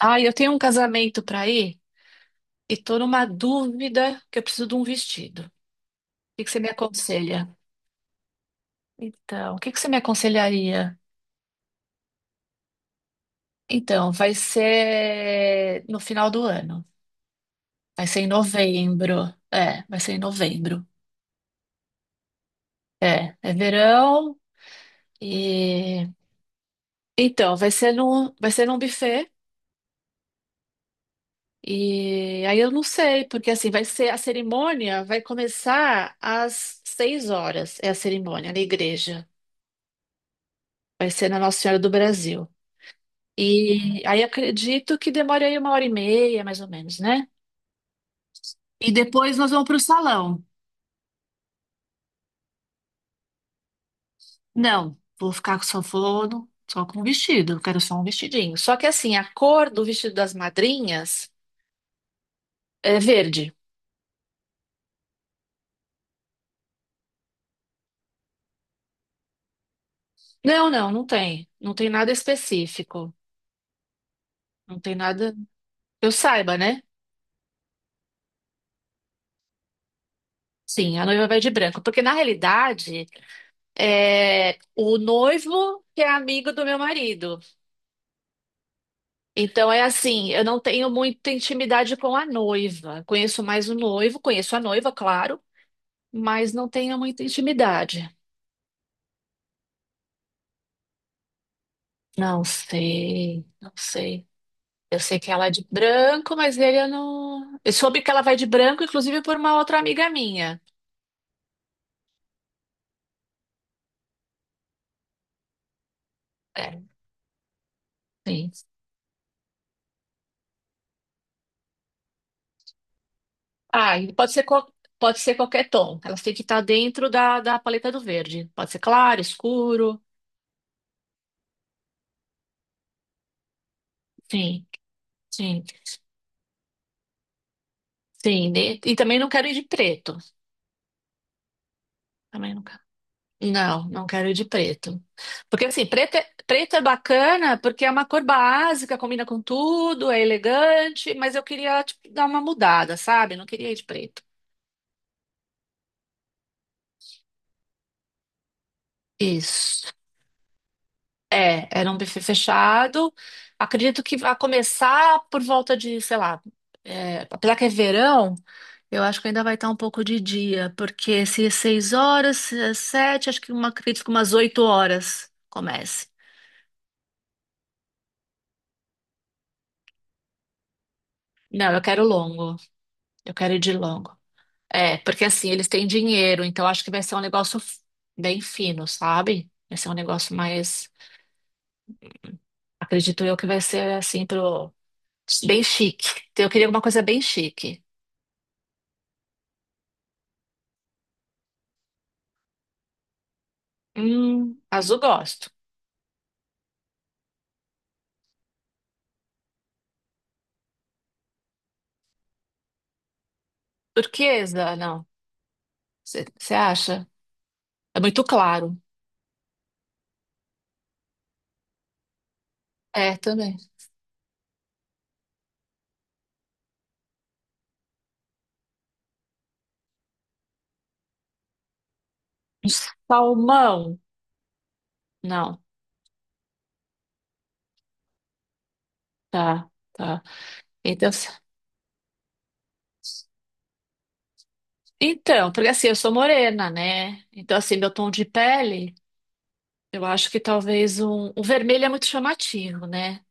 Ah, eu tenho um casamento para ir e tô numa dúvida que eu preciso de um vestido. O que que você me aconselha? Então, o que que você me aconselharia? Então, vai ser no final do ano. Vai ser em novembro. É, vai ser em novembro. É, é verão e então vai ser num buffet e aí eu não sei porque assim vai ser, a cerimônia vai começar às 6 horas, é a cerimônia na igreja, vai ser na Nossa Senhora do Brasil. E aí acredito que demore aí 1 hora e meia, mais ou menos, né? E depois nós vamos para o salão. Não, vou ficar com só forno, só com vestido. Eu quero só um vestidinho. Só que assim, a cor do vestido das madrinhas é verde. Não, não, não tem. Não tem nada específico. Não tem nada que eu saiba, né? Sim, a noiva vai de branco. Porque na realidade, é o noivo que é amigo do meu marido. Então é assim, eu não tenho muita intimidade com a noiva. Conheço mais o noivo, conheço a noiva, claro, mas não tenho muita intimidade. Não sei, não sei. Eu sei que ela é de branco, mas ele eu não. Eu soube que ela vai de branco, inclusive por uma outra amiga minha. É, sim. Ah, e pode ser, pode ser qualquer tom. Elas têm que estar dentro da paleta do verde. Pode ser claro, escuro. Sim, sim, sim. E também não quero ir de preto. Também não quero. Não, não quero de preto. Porque assim, preto é bacana porque é uma cor básica, combina com tudo, é elegante, mas eu queria, tipo, dar uma mudada, sabe? Não queria ir de preto. Isso. É, era um buffet fechado. Acredito que vai começar por volta de, sei lá, é, apesar que é verão, eu acho que ainda vai estar um pouco de dia, porque se é 6 horas, se é 7, acredito que umas 8 horas comece. Não, eu quero longo. Eu quero ir de longo. É, porque assim, eles têm dinheiro, então acho que vai ser um negócio bem fino, sabe? Vai ser um negócio mais, acredito eu que vai ser assim pro bem chique. Então, eu queria alguma coisa bem chique. Azul gosto. Turquesa, não. Você acha? É muito claro. É, também. Salmão? Não. Tá, tá. Então, porque assim, eu sou morena, né? Então, assim, meu tom de pele, eu acho que talvez um. O vermelho é muito chamativo, né?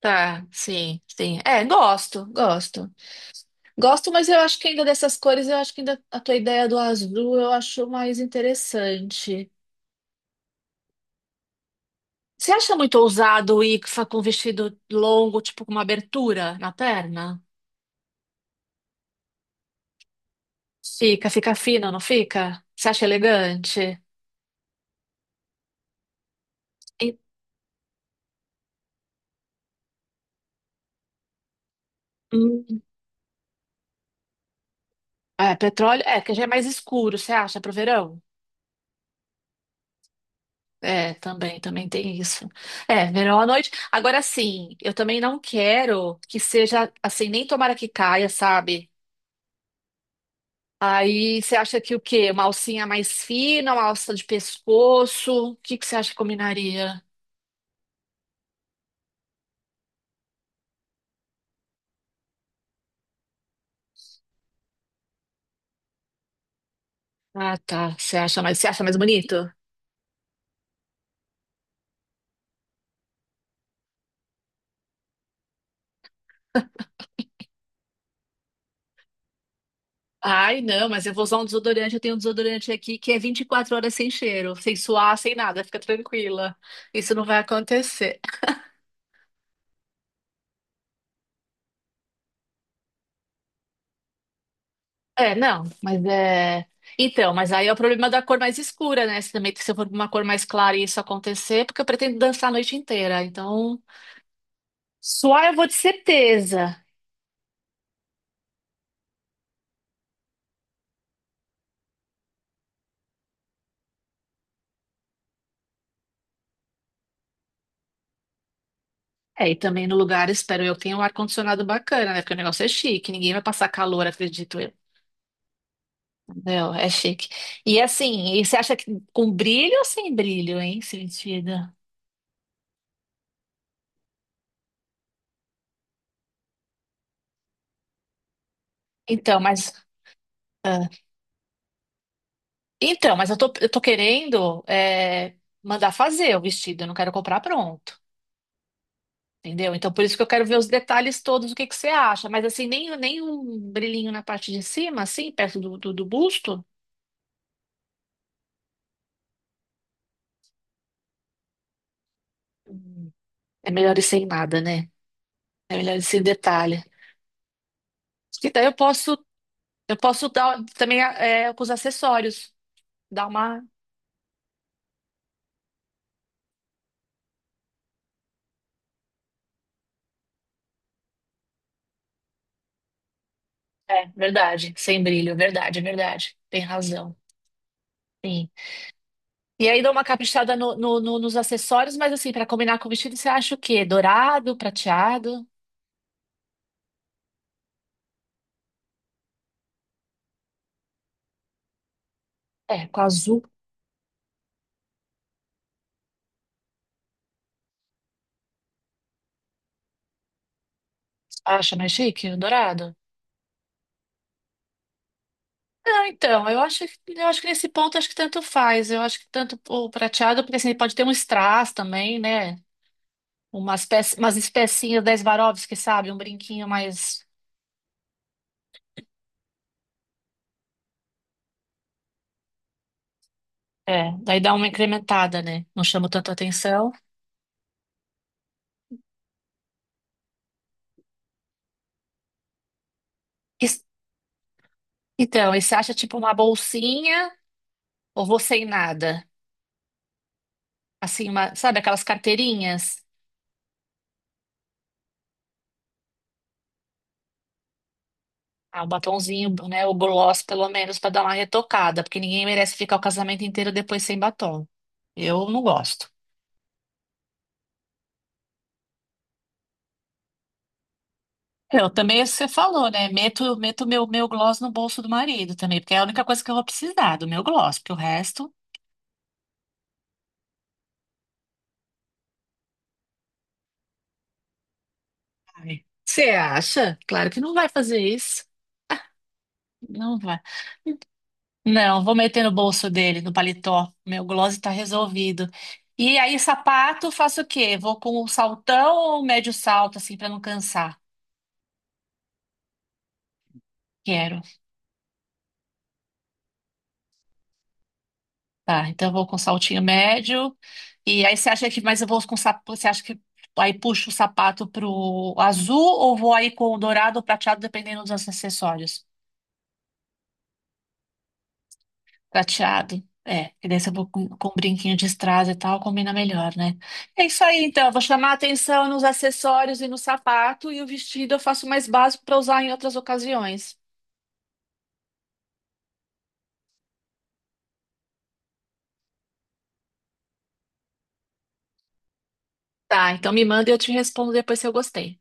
Tá, sim, sim. É, gosto, gosto. Gosto, mas eu acho que ainda dessas cores, eu acho que ainda a tua ideia do azul eu acho mais interessante. Você acha muito ousado ir com um vestido longo, tipo com uma abertura na perna? Fica, fica fino, não fica? Você acha elegante? E- hum, É, petróleo, é, que já é mais escuro, você acha, pro verão? É, também, também tem isso. É, verão à noite. Agora sim, eu também não quero que seja assim, nem tomara que caia, sabe? Aí você acha que o quê? Uma alcinha mais fina, uma alça de pescoço? O que que você acha que combinaria? Ah, tá. Você acha mais bonito? Ai, não, mas eu vou usar um desodorante. Eu tenho um desodorante aqui que é 24 horas sem cheiro, sem suar, sem nada. Fica tranquila. Isso não vai acontecer. É, não, mas é. Então, mas aí é o problema da cor mais escura, né? Se também se eu for com uma cor mais clara e isso acontecer, porque eu pretendo dançar a noite inteira. Então, suar eu vou de certeza. É, e também no lugar, espero eu, tenha um ar-condicionado bacana, né? Porque o negócio é chique, ninguém vai passar calor, acredito eu. Entendeu? É chique. E assim, e você acha que com brilho ou sem brilho, hein, esse vestido? Então, mas. Ah, então, mas eu tô querendo é, mandar fazer o vestido, eu não quero comprar pronto. Entendeu? Então, por isso que eu quero ver os detalhes todos, o que que você acha. Mas assim, nem um brilhinho na parte de cima, assim, perto do busto. Hum, É melhor ir sem nada, né? É melhor ir sem detalhe. Que daí eu posso. Eu posso dar também é, com os acessórios, dar uma. É, verdade, sem brilho, verdade, verdade. Tem razão. Sim. E aí dou uma caprichada nos acessórios, mas assim, para combinar com o vestido, você acha o quê? Dourado, prateado? É, com azul. Acha mais chique? O dourado? Não, então, eu acho que nesse ponto acho que tanto faz. Eu acho que tanto o prateado, porque assim, pode ter um strass também, né? Umas especinhas da Swarovski, sabe? Um brinquinho mais. É, daí dá uma incrementada, né? Não chama tanta atenção. E- então, e você acha tipo uma bolsinha ou vou sem nada? Assim, sabe aquelas carteirinhas? Ah, um batonzinho, né? O gloss, pelo menos, pra dar uma retocada, porque ninguém merece ficar o casamento inteiro depois sem batom. Eu não gosto. Eu também, você falou, né? Meto meu gloss no bolso do marido também, porque é a única coisa que eu vou precisar do meu gloss, porque o resto. Ai. Você acha? Claro que não vai fazer isso. Não vai. Não, vou meter no bolso dele, no paletó. Meu gloss tá resolvido. E aí, sapato, faço o quê? Vou com o saltão ou médio salto, assim, pra não cansar? Quero. Tá, então eu vou com saltinho médio. E aí, você acha que, mas eu vou com sapato, você acha que aí puxo o sapato pro azul ou vou aí com o dourado ou prateado, dependendo dos acessórios? Prateado. É, e daí se eu vou com brinquinho de strass e tal, combina melhor, né? É isso aí, então. Eu vou chamar a atenção nos acessórios e no sapato, e o vestido eu faço mais básico para usar em outras ocasiões. Tá, então me manda e eu te respondo depois se eu gostei.